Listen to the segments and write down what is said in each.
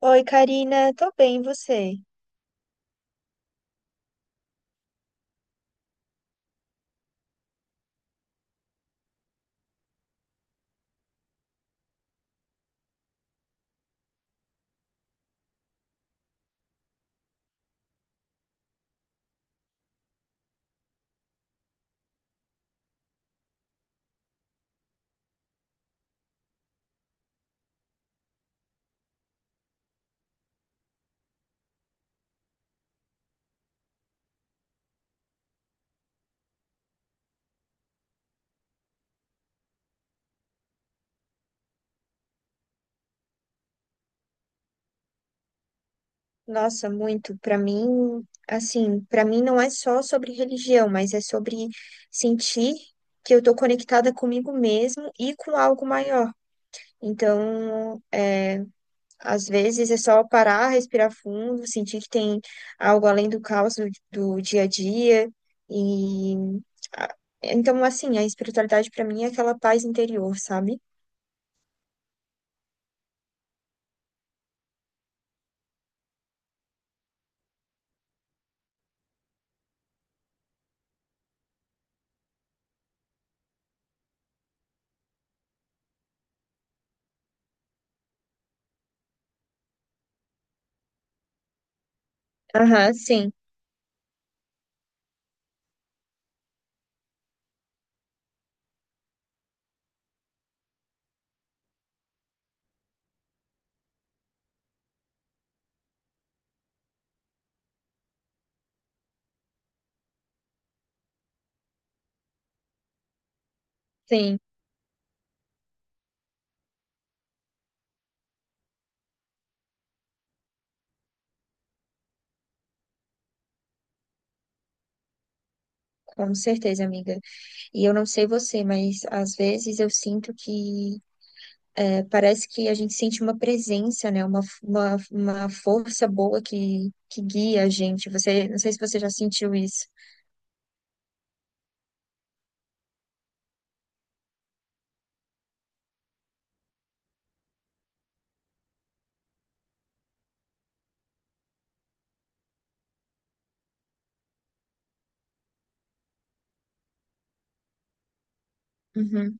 Oi, Karina, tô bem, e você? Nossa, muito. Pra mim, assim, pra mim não é só sobre religião, mas é sobre sentir que eu tô conectada comigo mesmo e com algo maior. Então, às vezes é só parar, respirar fundo, sentir que tem algo além do caos do dia a dia e a- então, assim, a espiritualidade pra mim é aquela paz interior, sabe? Aham, sim, sim, com certeza, amiga. E eu não sei você, mas às vezes eu sinto que parece que a gente sente uma presença, né? Uma força boa que guia a gente. Não sei se você já sentiu isso. Uhum.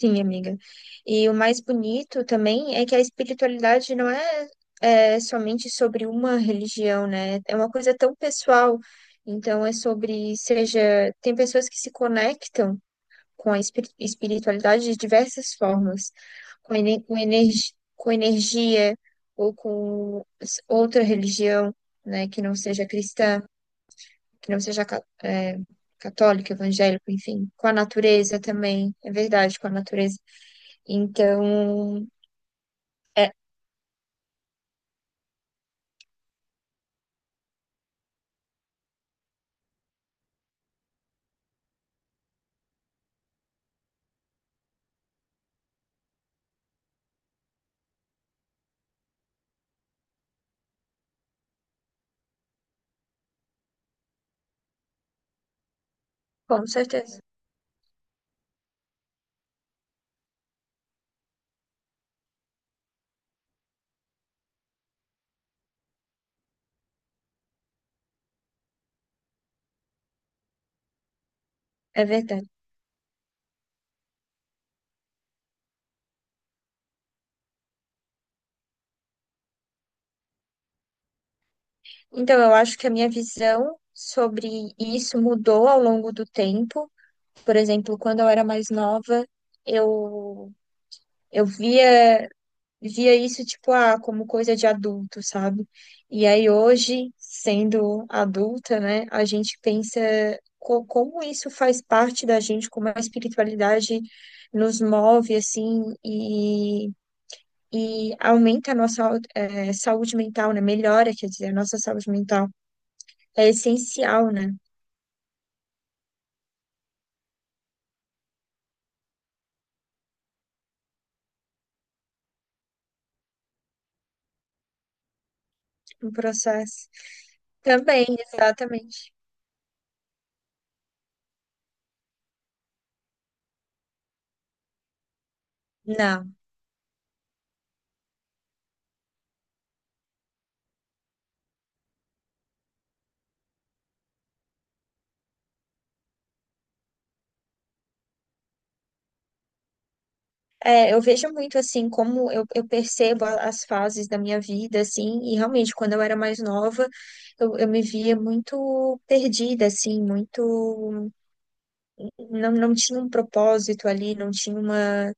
Sim, amiga. E o mais bonito também é que a espiritualidade não é, é somente sobre uma religião, né? É uma coisa tão pessoal. Então, é sobre, seja, tem pessoas que se conectam com a espiritualidade de diversas formas, com, com energia ou com outra religião, né, que não seja cristã, não seja católico, evangélico, enfim, com a natureza também, é verdade, com a natureza. Então, é, com certeza, é verdade. Então, eu acho que a minha visão sobre isso mudou ao longo do tempo. Por exemplo, quando eu era mais nova, eu, eu via. Via isso, tipo, ah, como coisa de adulto, sabe? E aí hoje, sendo adulta, né, a gente pensa como isso faz parte da gente, como a espiritualidade nos move, assim, e aumenta a nossa, saúde mental, né? Melhora, quer dizer, a nossa saúde mental. É essencial, né, no processo. Também, exatamente. Não. É, eu vejo muito assim como eu percebo as fases da minha vida, assim, e realmente quando eu era mais nova, eu me via muito perdida, assim, muito. Não, tinha um propósito ali, não tinha uma.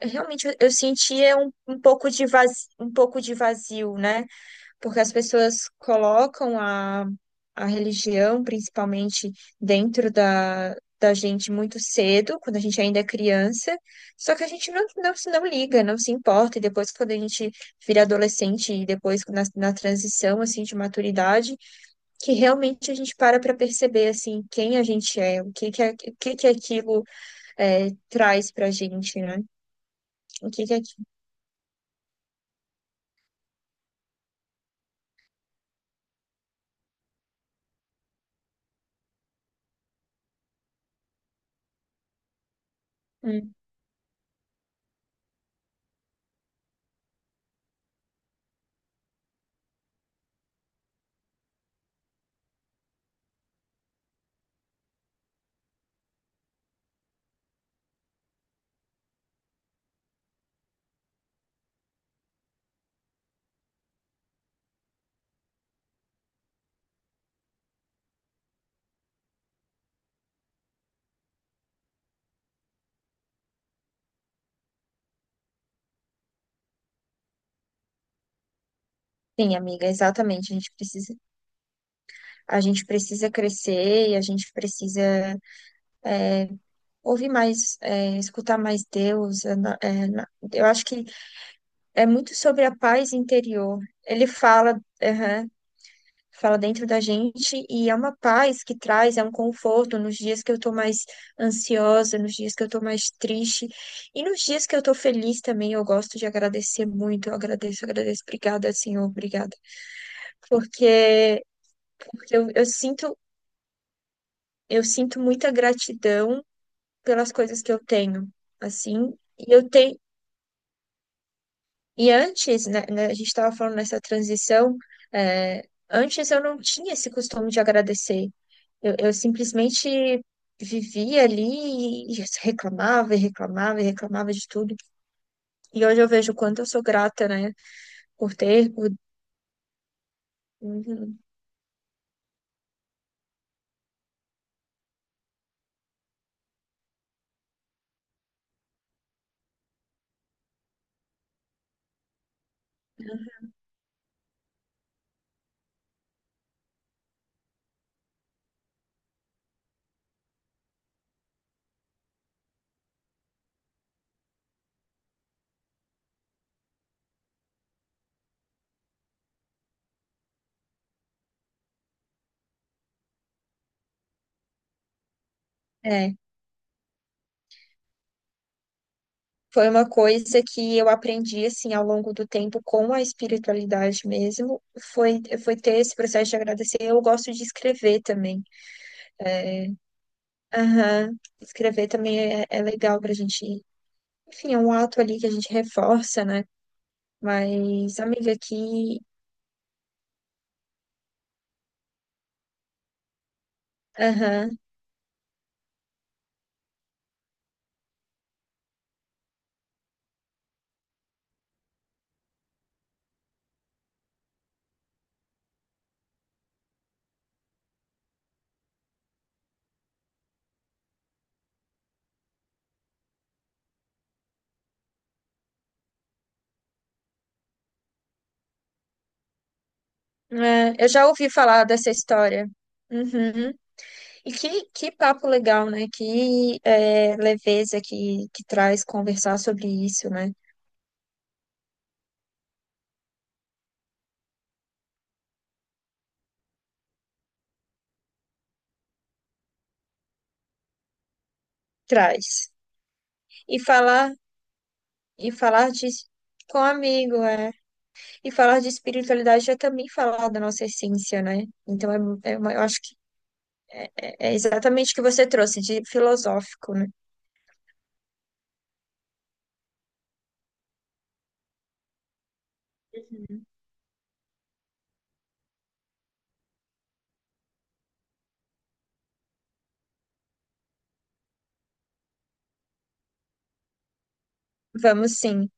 Realmente eu sentia um, um pouco de vazio, um pouco de vazio, né? Porque as pessoas colocam a religião, principalmente, dentro da gente muito cedo, quando a gente ainda é criança, só que a gente não liga, não se importa, e depois, quando a gente vira adolescente, e depois na transição, assim, de maturidade, que realmente a gente para para perceber, assim, quem a gente é, o que que, o que, que aquilo é, traz pra gente, né? O que que é... Hum. Sim, amiga, exatamente, a gente precisa crescer e a gente precisa ouvir mais, é, escutar mais Deus. Eu acho que é muito sobre a paz interior. Ele fala, aham, fala dentro da gente e é uma paz que traz, é um conforto nos dias que eu tô mais ansiosa, nos dias que eu tô mais triste e nos dias que eu tô feliz também. Eu gosto de agradecer muito. Eu agradeço, agradeço. Obrigada, Senhor, obrigada. Porque, porque eu sinto. Eu sinto muita gratidão pelas coisas que eu tenho, assim. E eu tenho. E antes, né, a gente estava falando nessa transição, é, antes eu não tinha esse costume de agradecer. Eu simplesmente vivia ali e reclamava e reclamava e reclamava de tudo. E hoje eu vejo o quanto eu sou grata, né, por ter, por... Uhum. É, foi uma coisa que eu aprendi assim ao longo do tempo com a espiritualidade mesmo, foi ter esse processo de agradecer. Eu gosto de escrever também. É, aham. Escrever também é legal pra gente. Enfim, é um ato ali que a gente reforça, né? Mas, amiga, aqui. Aham. É, eu já ouvi falar dessa história. Uhum. E que papo legal, né? Que é, leveza que traz conversar sobre isso, né? Traz. E falar, e falar de. Com amigo, é. E falar de espiritualidade é também falar da nossa essência, né? Então, é, eu acho que é exatamente o que você trouxe de filosófico, né? Uhum. Vamos sim,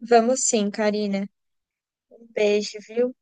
vamos sim, Karina. Um beijo, viu?